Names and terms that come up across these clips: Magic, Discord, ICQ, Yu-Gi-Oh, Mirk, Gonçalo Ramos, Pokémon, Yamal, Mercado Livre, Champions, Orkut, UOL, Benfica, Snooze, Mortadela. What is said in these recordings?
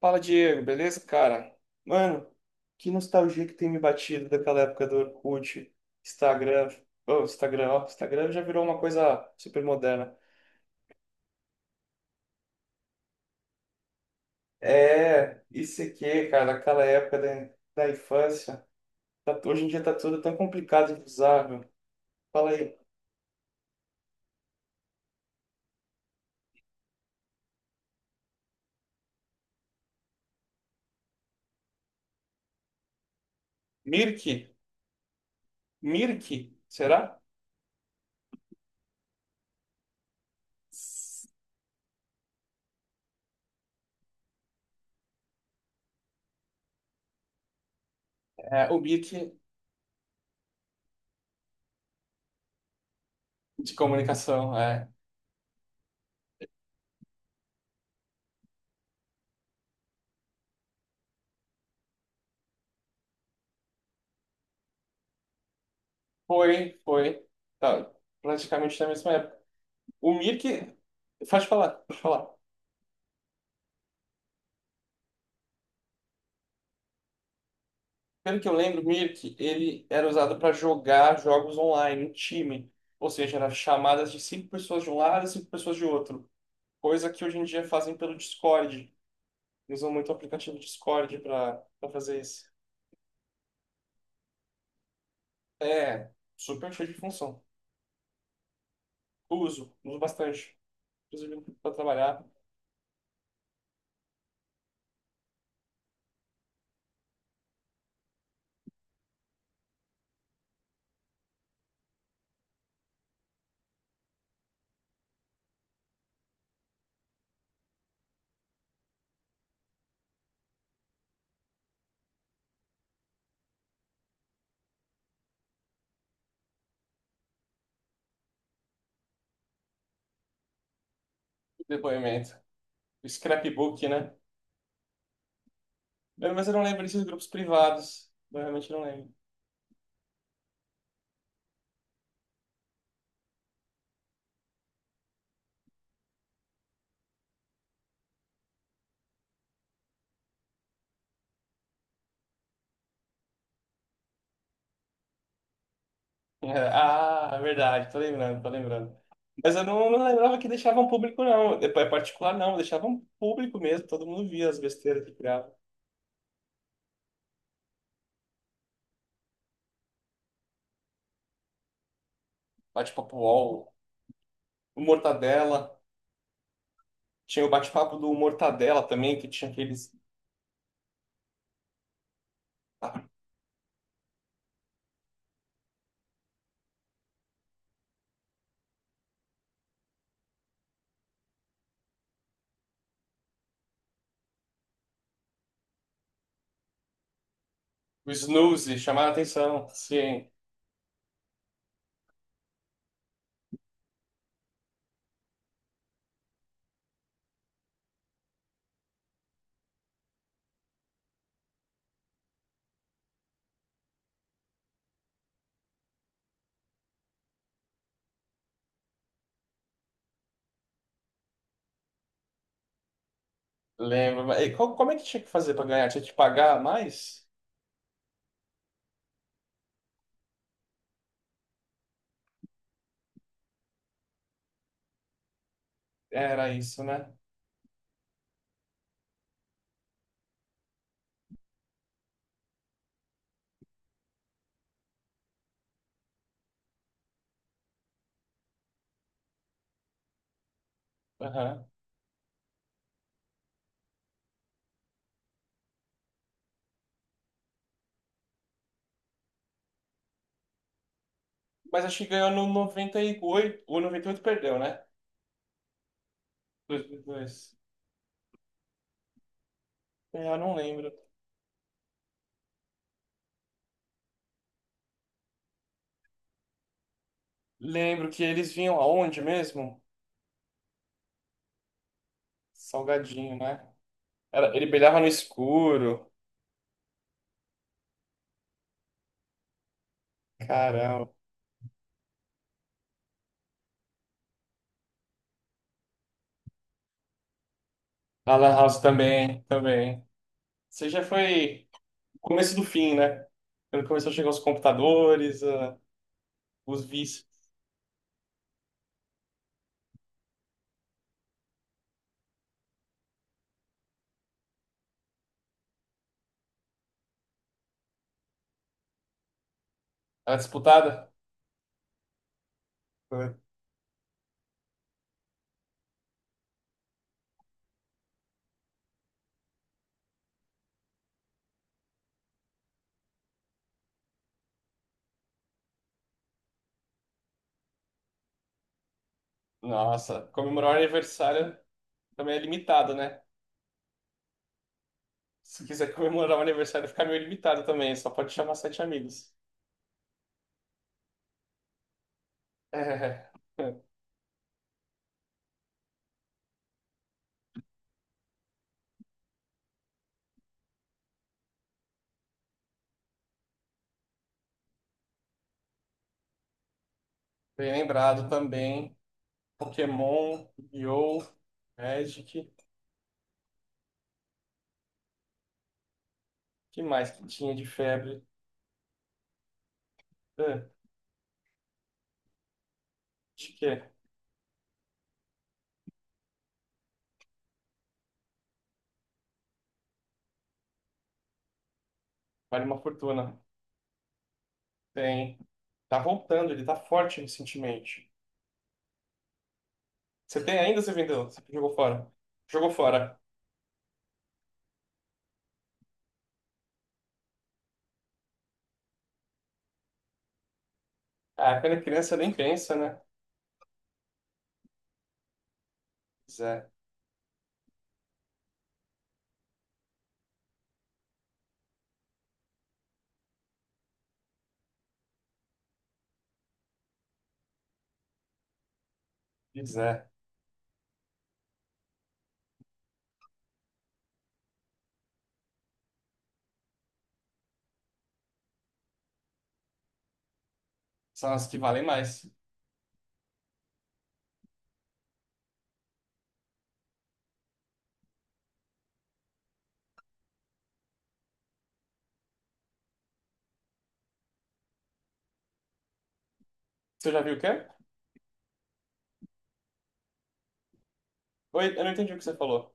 Fala, Diego, beleza, cara? Mano, que nostalgia que tem me batido daquela época do Orkut, Instagram. Ô, Instagram, ó, Instagram já virou uma coisa super moderna. É, isso ICQ, cara, aquela época da infância. Hoje em dia tá tudo tão complicado de usar, meu. Fala aí. Mirk? Mirk? Será? S- É, o Mirk de comunicação, é. Foi, foi. Tá, praticamente na mesma época. O Mirk. Pode falar, pode falar. Pelo que eu lembro, Mirk, ele era usado para jogar jogos online, em time. Ou seja, era chamadas de cinco pessoas de um lado e cinco pessoas de outro. Coisa que hoje em dia fazem pelo Discord. Usam muito o aplicativo Discord para fazer isso. É, super cheio de função. Uso bastante. Inclusive para trabalhar, depoimento. O scrapbook, né? Mas eu não lembro desses grupos privados. Eu realmente não lembro. Ah, é verdade, tô lembrando, tô lembrando. Mas eu não lembrava que deixavam público, não. É particular, não. Deixavam público mesmo, todo mundo via as besteiras que criava. Bate-papo UOL, o Mortadela. Tinha o bate-papo do Mortadela também, que tinha aqueles. Ah, o Snooze, chamaram a atenção. Sim, lembro. Mas, como é que tinha que fazer pra ganhar? Tinha que pagar mais? Era isso, né? Aham. Mas acho que ganhou no 98. O 98 perdeu, né? 2002. É, eu não lembro. Lembro que eles vinham aonde mesmo? Salgadinho, né? Era, ele brilhava no escuro. Caramba. A Lan House também, também. Você já foi o começo do fim, né? Quando começou a chegar os computadores, ah, os vícios. Era disputada? Foi. Nossa, comemorar o aniversário também é limitado, né? Se quiser comemorar o aniversário, fica meio limitado também. Só pode chamar sete amigos. É, bem lembrado também. Pokémon, Yu-Gi-Oh! Magic. Que mais que tinha de febre? Ah, acho que é. Vale uma fortuna. Tem. Tá voltando, ele tá forte recentemente. Você tem ainda, ou você vendeu? Você jogou fora? Jogou fora. Ah, quando é criança nem pensa, né? Pois é, pois é. São as que valem mais. Você já viu o quê? Oi, eu não entendi o que você falou.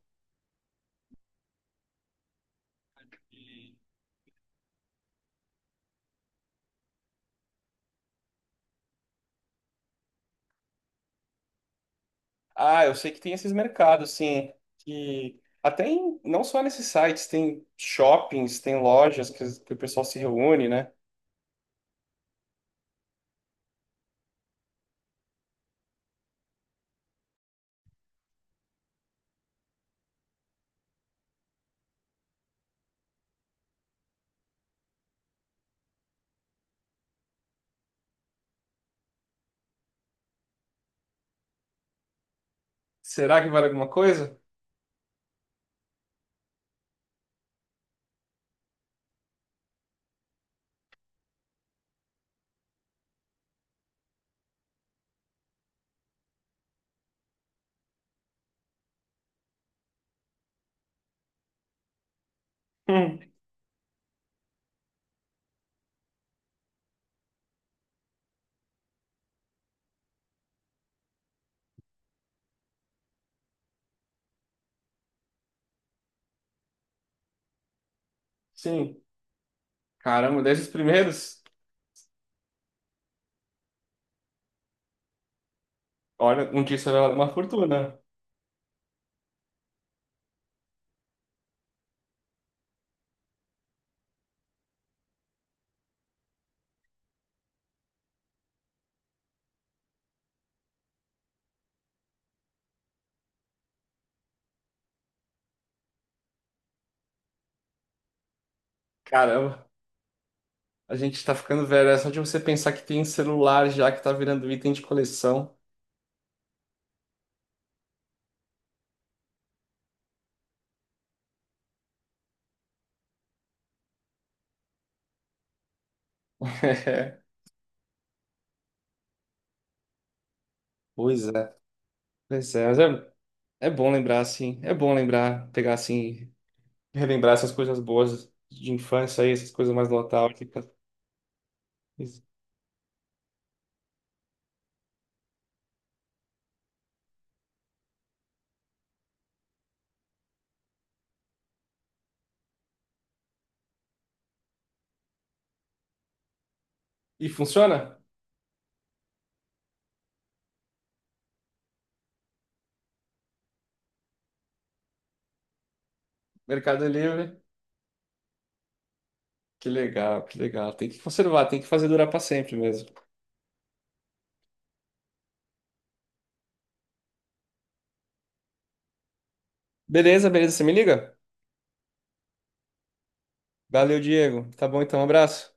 Ah, eu sei que tem esses mercados, sim, que até em, não só nesses sites, tem shoppings, tem lojas que o pessoal se reúne, né? Será que vale alguma coisa? Hum, sim. Caramba, desde os primeiros? Olha, um dia será uma fortuna. Caramba, a gente tá ficando velho. É só de você pensar que tem celular já que tá virando item de coleção. Pois é. Pois é, mas é, é bom lembrar, assim. É bom lembrar, pegar assim, relembrar essas coisas boas de infância aí, essas coisas mais nostálgicas. Isso. E funciona? Mercado Livre? Que legal, que legal. Tem que conservar, tem que fazer durar pra sempre mesmo. Beleza, beleza, você me liga? Valeu, Diego. Tá bom então, um abraço.